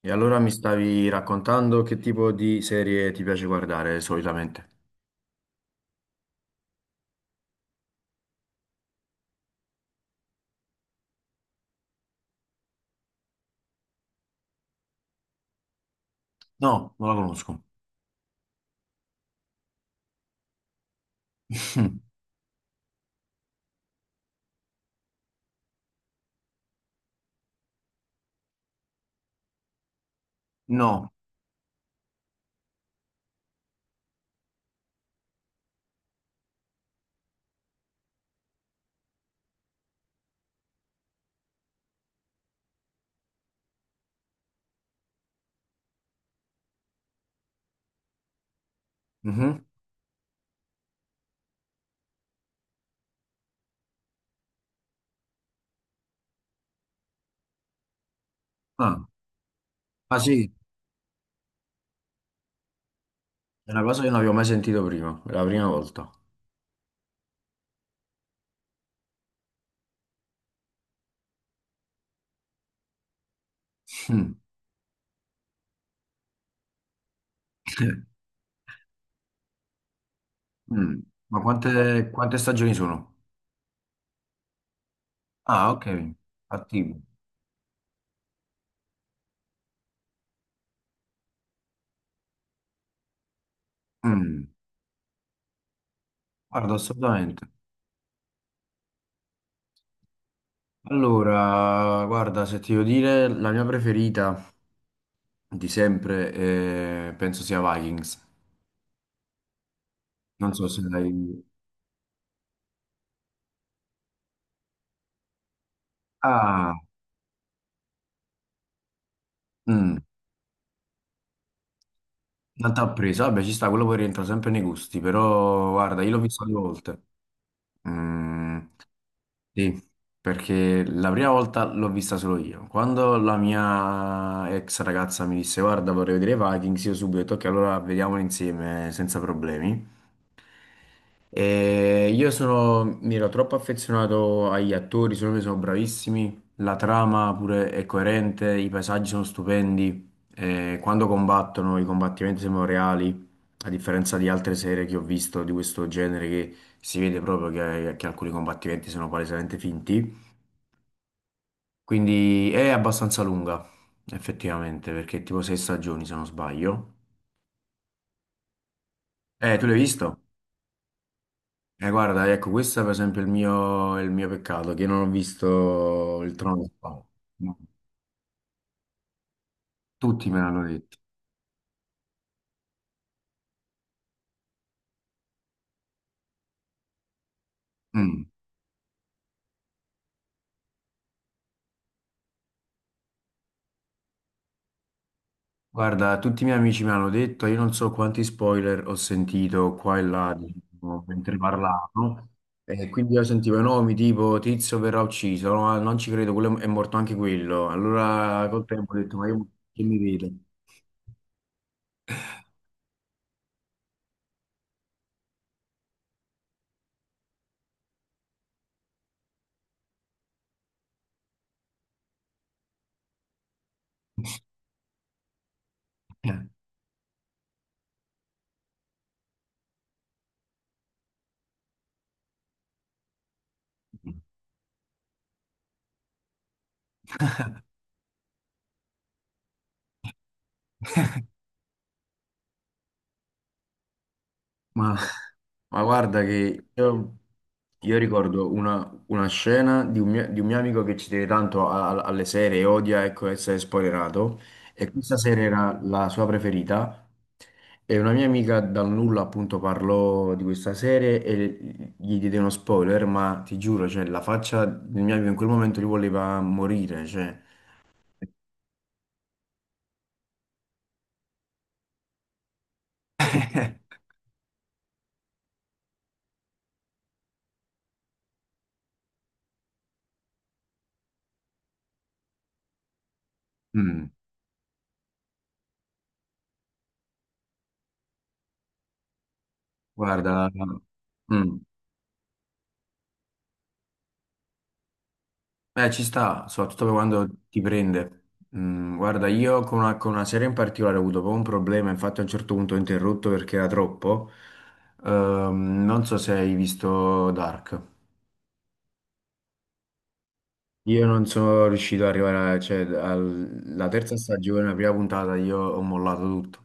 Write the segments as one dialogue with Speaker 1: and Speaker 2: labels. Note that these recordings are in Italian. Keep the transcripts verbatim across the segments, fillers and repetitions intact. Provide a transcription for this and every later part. Speaker 1: E allora mi stavi raccontando che tipo di serie ti piace guardare solitamente? No, non la conosco. No. Mhm. Ah. Ah, sì, è una cosa che non avevo mai sentito prima, è la prima volta. Mm. Mm. Ma quante, quante stagioni sono? Ah, ok, attivo. Mm. Guarda, assolutamente. Allora, guarda, se ti devo dire, la mia preferita di sempre eh, penso sia Vikings. Non so se l'hai... Ah, mm. Tanta presa, vabbè, ci sta, quello poi rientra sempre nei gusti, però guarda, io l'ho vista due volte. Mm, sì, perché la prima volta l'ho vista solo io. Quando la mia ex ragazza mi disse, guarda, vorrei vedere Vikings, io subito ho detto, ok, allora vediamolo insieme senza problemi. E io sono, mi ero troppo affezionato agli attori, secondo me sono bravissimi, la trama pure è coerente, i paesaggi sono stupendi, e quando combattono i combattimenti sembrano reali, a differenza di altre serie che ho visto di questo genere che si vede proprio che, che alcuni combattimenti sono palesemente finti. Quindi è abbastanza lunga, effettivamente, perché è tipo sei stagioni se non sbaglio. Eh, tu l'hai visto? Eh, guarda, ecco, questo è per esempio il mio, il mio peccato, che non ho visto il Trono di Spade. No. Tutti me l'hanno detto. Mm. Guarda, tutti i miei amici mi hanno detto, io non so quanti spoiler ho sentito qua e là, diciamo, mentre parlavo. E quindi io sentivo i nomi tipo Tizio verrà ucciso, no, "Ah, non ci credo, quello è morto anche quello". Allora col tempo ho detto, ma io che mi vedo? Eh, Ma Ma guarda che io, io ricordo una, una scena di un mio, di un mio amico che ci tiene tanto a- a- alle serie e odia ecco, essere spoilerato e questa serie era la sua preferita e una mia amica dal nulla appunto parlò di questa serie e gli diede uno spoiler ma ti giuro cioè, la faccia del mio amico in quel momento gli voleva morire cioè. Mm, guarda, mm. Beh, ci sta, soprattutto per quando ti prende. Mm, guarda, io con una, con una serie in particolare ho avuto proprio un problema, infatti a un certo punto ho interrotto perché era troppo. Ehm, non so se hai visto Dark. Io non sono riuscito ad arrivare, a- cioè, al- alla terza stagione, la prima puntata, io ho mollato tutto.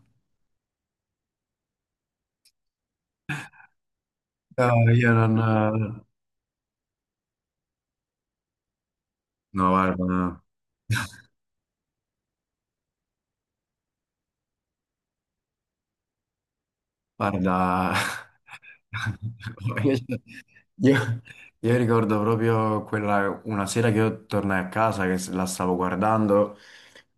Speaker 1: No, io non... No, guarda. No. Guarda, io, io io ricordo proprio quella, una sera che io tornai a casa, che la stavo guardando, a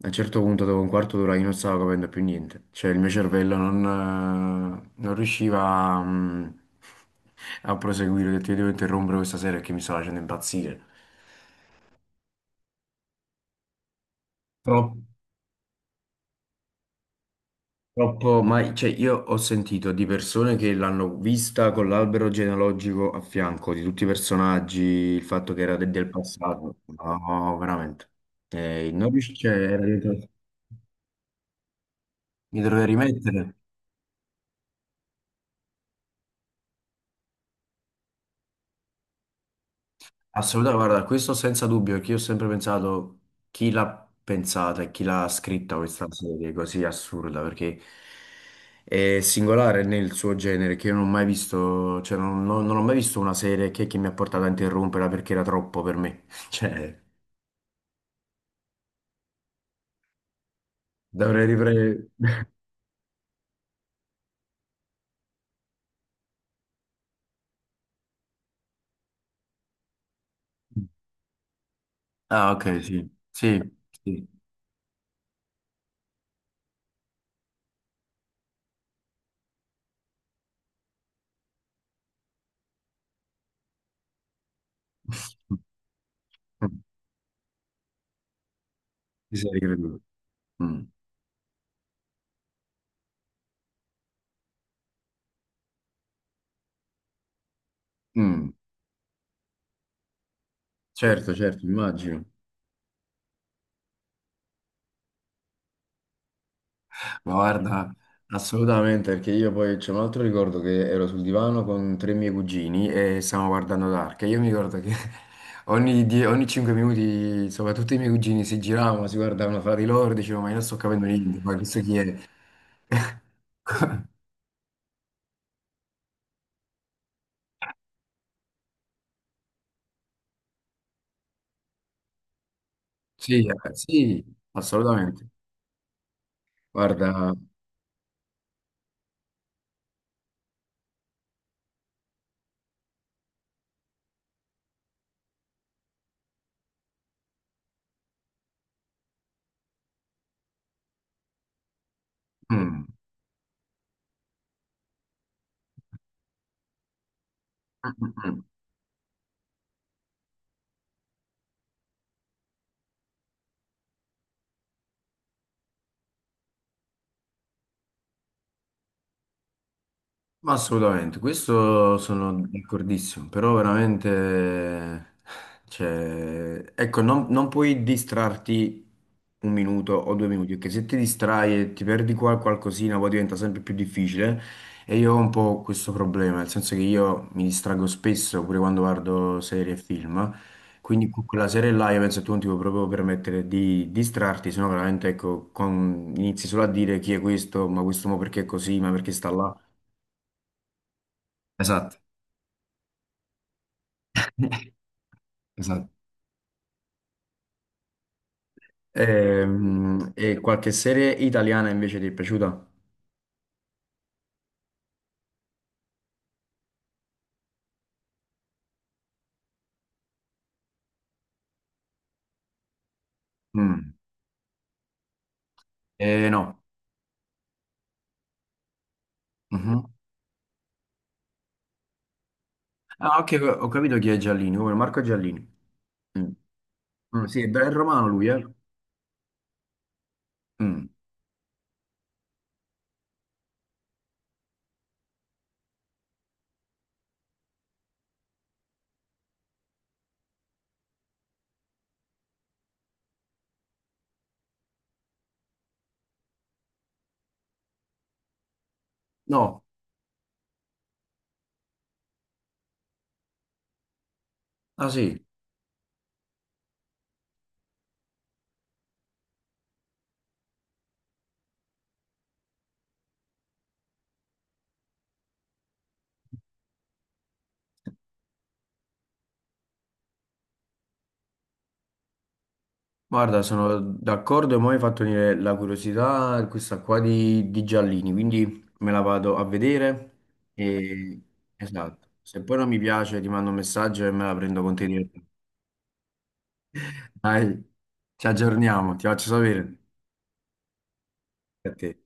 Speaker 1: un certo punto dopo un quarto d'ora io non stavo capendo più niente, cioè il mio cervello non, eh, non riusciva mm, a proseguire, ho detto io devo interrompere questa sera perché mi stava facendo impazzire. Troppo. Troppo, ma cioè, io ho sentito di persone che l'hanno vista con l'albero genealogico a fianco, di tutti i personaggi, il fatto che era de- del passato. No, veramente. Eh, non riuscire, mi dovrei rimettere. Assolutamente, guarda, questo senza dubbio, che io ho sempre pensato chi l'ha pensata e chi l'ha scritta questa serie così assurda, perché è singolare nel suo genere, che io non ho mai visto, cioè non, non- non ho mai visto una serie che, che mi ha portato a interromperla perché era troppo per me. Cioè, dovrei riprendere... Ah, ok, sì, sì, sì. Ti sei ricreduto. Mm. Mm. Certo, certo, immagino. Ma guarda, assolutamente, perché io poi c'è un altro ricordo che ero sul divano con tre miei cugini e stavamo guardando Dark. E io mi ricordo che ogni, die- ogni cinque minuti, insomma, tutti i miei cugini si giravano, si guardavano fra di loro e dicevano, ma io non sto capendo niente, ma questo chi è? Sì, eh, sì, assolutamente. Guarda, mm, mm, mm, mm. Ma assolutamente, questo sono d'accordissimo, però veramente, cioè, ecco, non, non puoi distrarti un minuto o due minuti, perché se ti distrai e ti perdi qua qualcosina, poi diventa sempre più difficile. E io ho un po' questo problema, nel senso che io mi distraggo spesso, pure quando guardo serie e film, quindi con quella serie là io penso che tu non ti puoi proprio permettere di distrarti, sennò veramente, ecco, con- inizi solo a dire chi è questo, ma questo mo perché è così, ma perché sta là. Esatto. Esatto. Ehm, E, qualche serie italiana invece ti è piaciuta? Mm. Eh, no. Mhm. Ah, ok, ho capito chi è Giallini, come Marco Giallini. Mm. Mm, sì, è bel romano lui, eh? Mm. No, ah sì, guarda, sono d'accordo e mo' mi hai fatto venire la curiosità questa qua di, di Giallini, quindi me la vado a vedere e... Esatto, se poi non mi piace ti mando un messaggio e me la prendo con te direttamente. Dai, ci aggiorniamo, ti faccio sapere. A te.